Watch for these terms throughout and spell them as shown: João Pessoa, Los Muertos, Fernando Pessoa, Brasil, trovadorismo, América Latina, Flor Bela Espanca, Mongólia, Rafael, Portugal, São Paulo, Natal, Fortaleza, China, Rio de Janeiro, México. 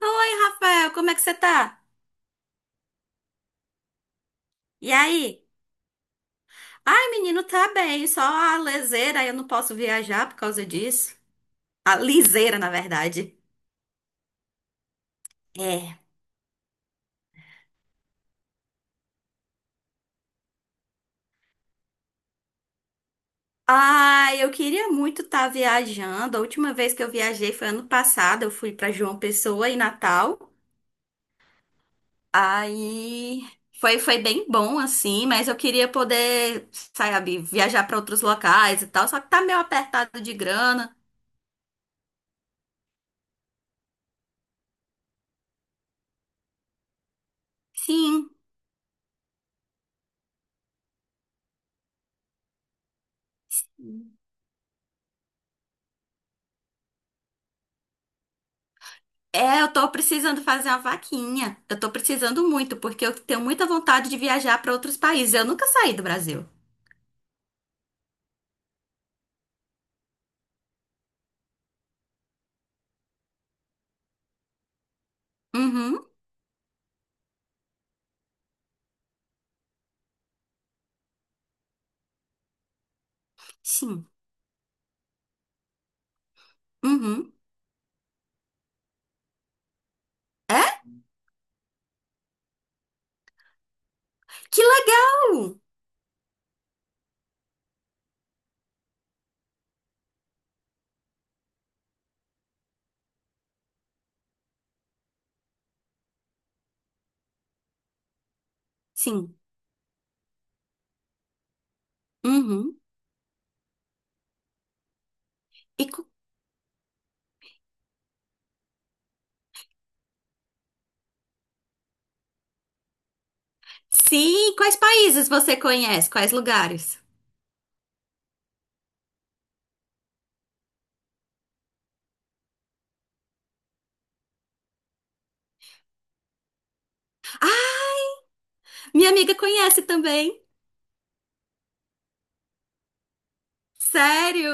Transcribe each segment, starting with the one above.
Oi, Rafael, como é que você tá? E aí? Ai, menino, tá bem, só a leseira, eu não posso viajar por causa disso. A liseira, na verdade. É. Ai, eu queria muito estar viajando. A última vez que eu viajei foi ano passado, eu fui pra João Pessoa em Natal. Aí foi bem bom, assim, mas eu queria poder, sabe, viajar pra outros locais e tal, só que tá meio apertado de grana. Sim. É, eu tô precisando fazer uma vaquinha. Eu tô precisando muito, porque eu tenho muita vontade de viajar para outros países. Eu nunca saí do Brasil. Uhum, sim. Uhum. É? Que legal! Sim. Uhum. E Sim, quais países você conhece? Quais lugares? Minha amiga conhece também. Sério?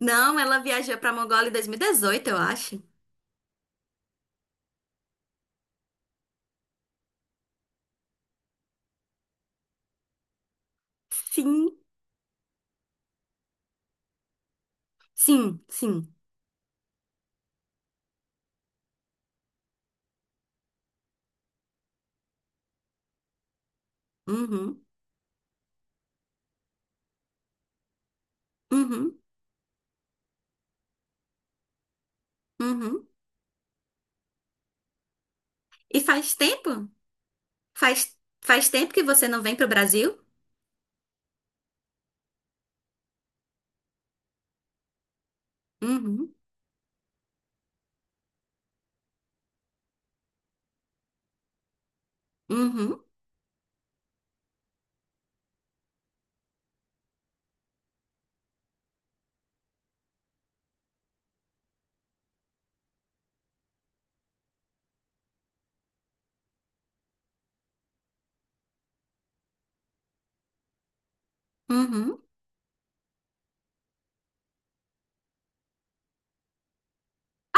Não, ela viajou pra Mongólia em 2018, eu acho. Sim. Sim, sim. Uhum. Uhum. Uhum. E faz tempo? Faz, Faz tempo que você não vem pro Brasil? Uhum, uhum, uhum.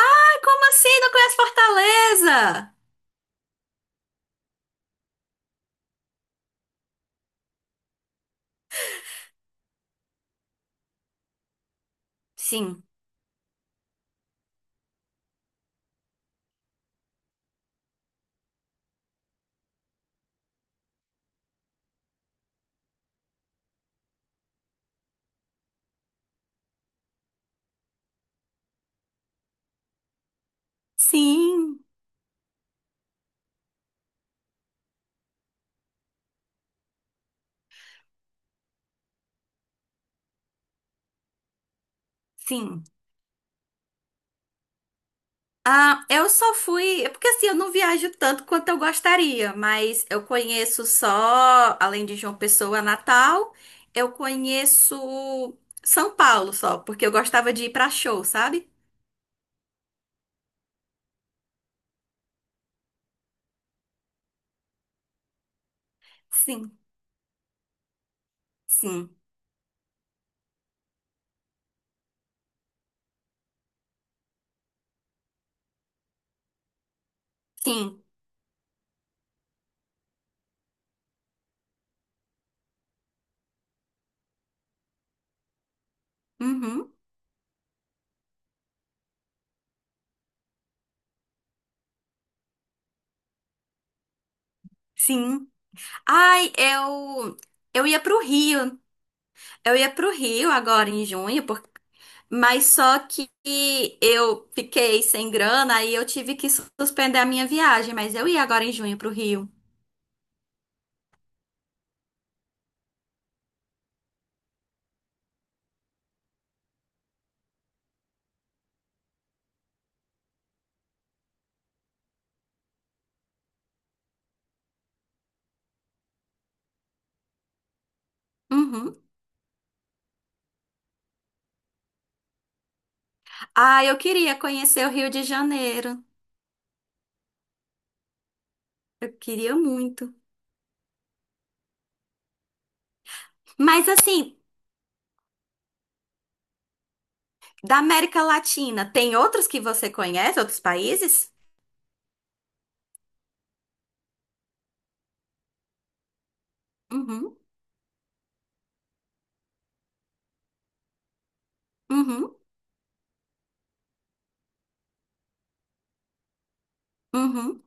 Ai, como assim? Não conhece Fortaleza? Sim, sim, sim. Ah, eu só fui. É Porque assim, eu não viajo tanto quanto eu gostaria, mas eu conheço só, além de João Pessoa, Natal, eu conheço São Paulo só, porque eu gostava de ir pra show, sabe? Sim, sim, sim. Uhum, sim. Ai, eu. Eu ia pro Rio, Eu ia pro Rio agora em junho, por- mas só que eu fiquei sem grana aí eu tive que suspender a minha viagem, mas eu ia agora em junho pro Rio. Uhum. Ah, eu queria conhecer o Rio de Janeiro. Eu queria muito. Mas assim, da América Latina, tem outros que você conhece, outros países? Uhum, uhum, uhum.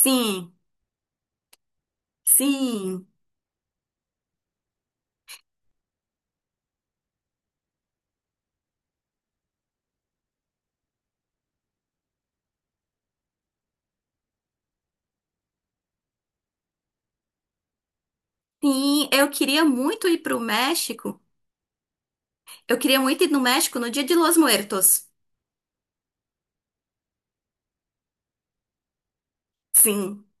Sim, sim, sim. Eu queria muito ir pro México. Eu queria muito ir no México no dia de Los Muertos. Sim. É?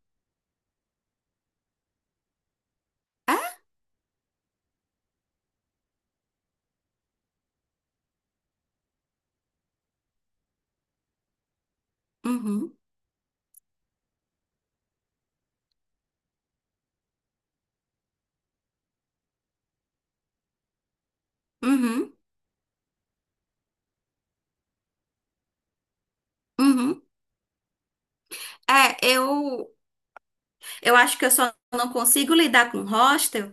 Uhum, uhum, uhum. É, eu acho que eu só não consigo lidar com hostel.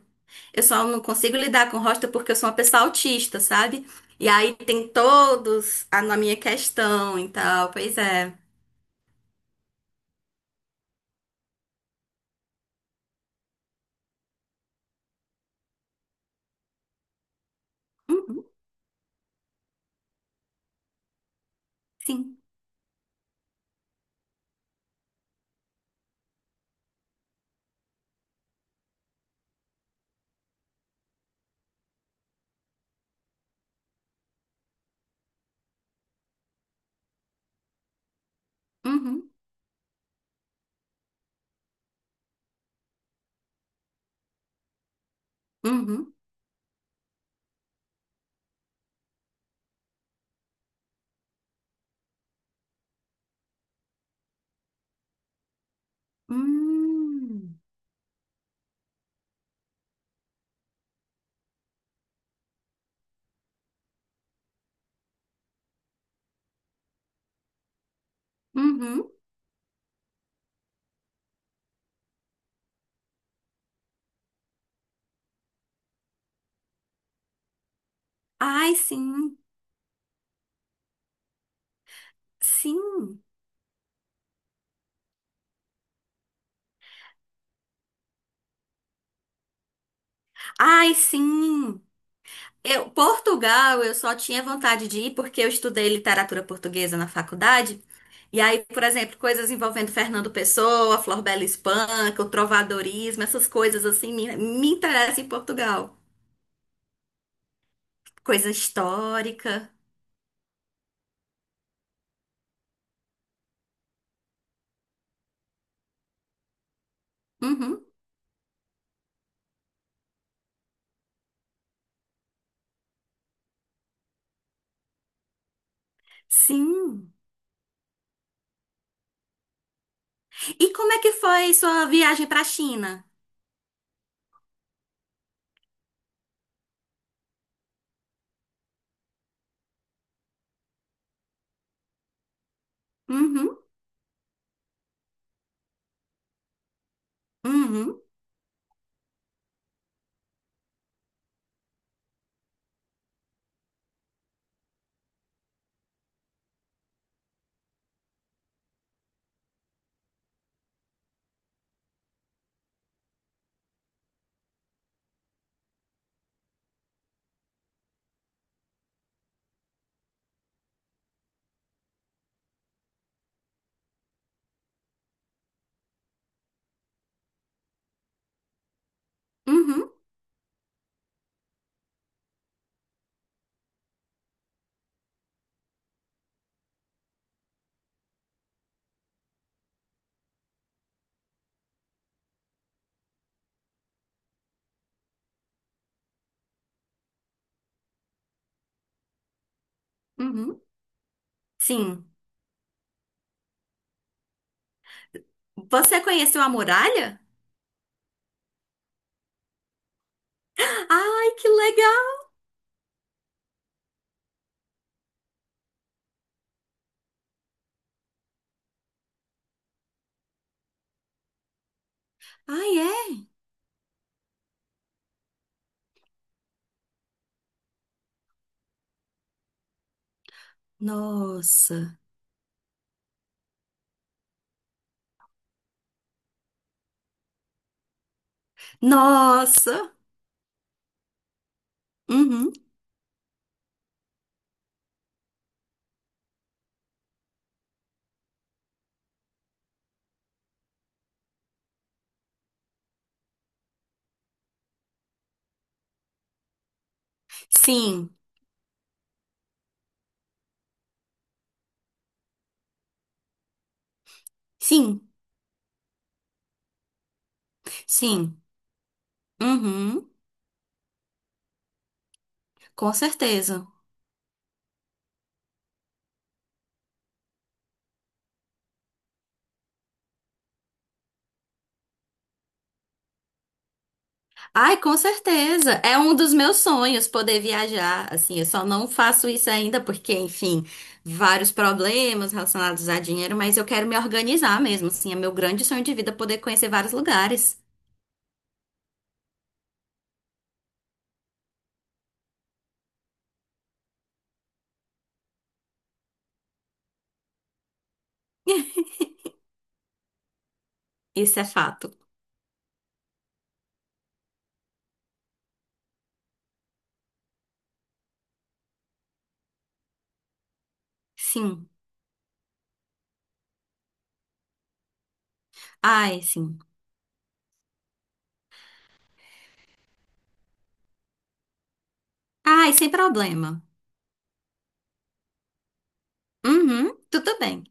Eu só não consigo lidar com hostel porque eu sou uma pessoa autista, sabe? E aí tem todos a, na minha questão e tal. Pois é. Uhum, sim. Uhum, uhum. Hum, uhum. Ai, sim. Sim. Ai, sim. Eu, Portugal, eu só tinha vontade de ir porque eu estudei literatura portuguesa na faculdade. E aí, por exemplo, coisas envolvendo Fernando Pessoa, Flor Bela Espanca, o trovadorismo, essas coisas assim me interessam em Portugal. Coisa histórica. Uhum. Sim. E como é que foi sua viagem para a China? Uhum. Uhum. Uhum. Uhum. Sim. Você conheceu a muralha? Ai, que legal! Ai, é? Nossa. Nossa! Uhum. Sim, sim, sim. Uhum. Com certeza. Ai, com certeza. É um dos meus sonhos poder viajar. Assim, eu só não faço isso ainda porque, enfim, vários problemas relacionados a dinheiro, mas eu quero me organizar mesmo. Assim, é meu grande sonho de vida poder conhecer vários lugares. Isso é fato. Sim. Ai, sim. Ai, sem problema. Uhum, tudo bem.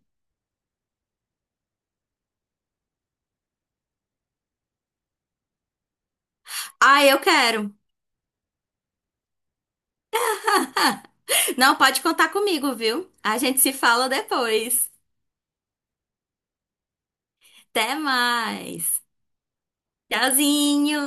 Ai, eu quero. Não, pode contar comigo, viu? A gente se fala depois. Até mais. Tchauzinho.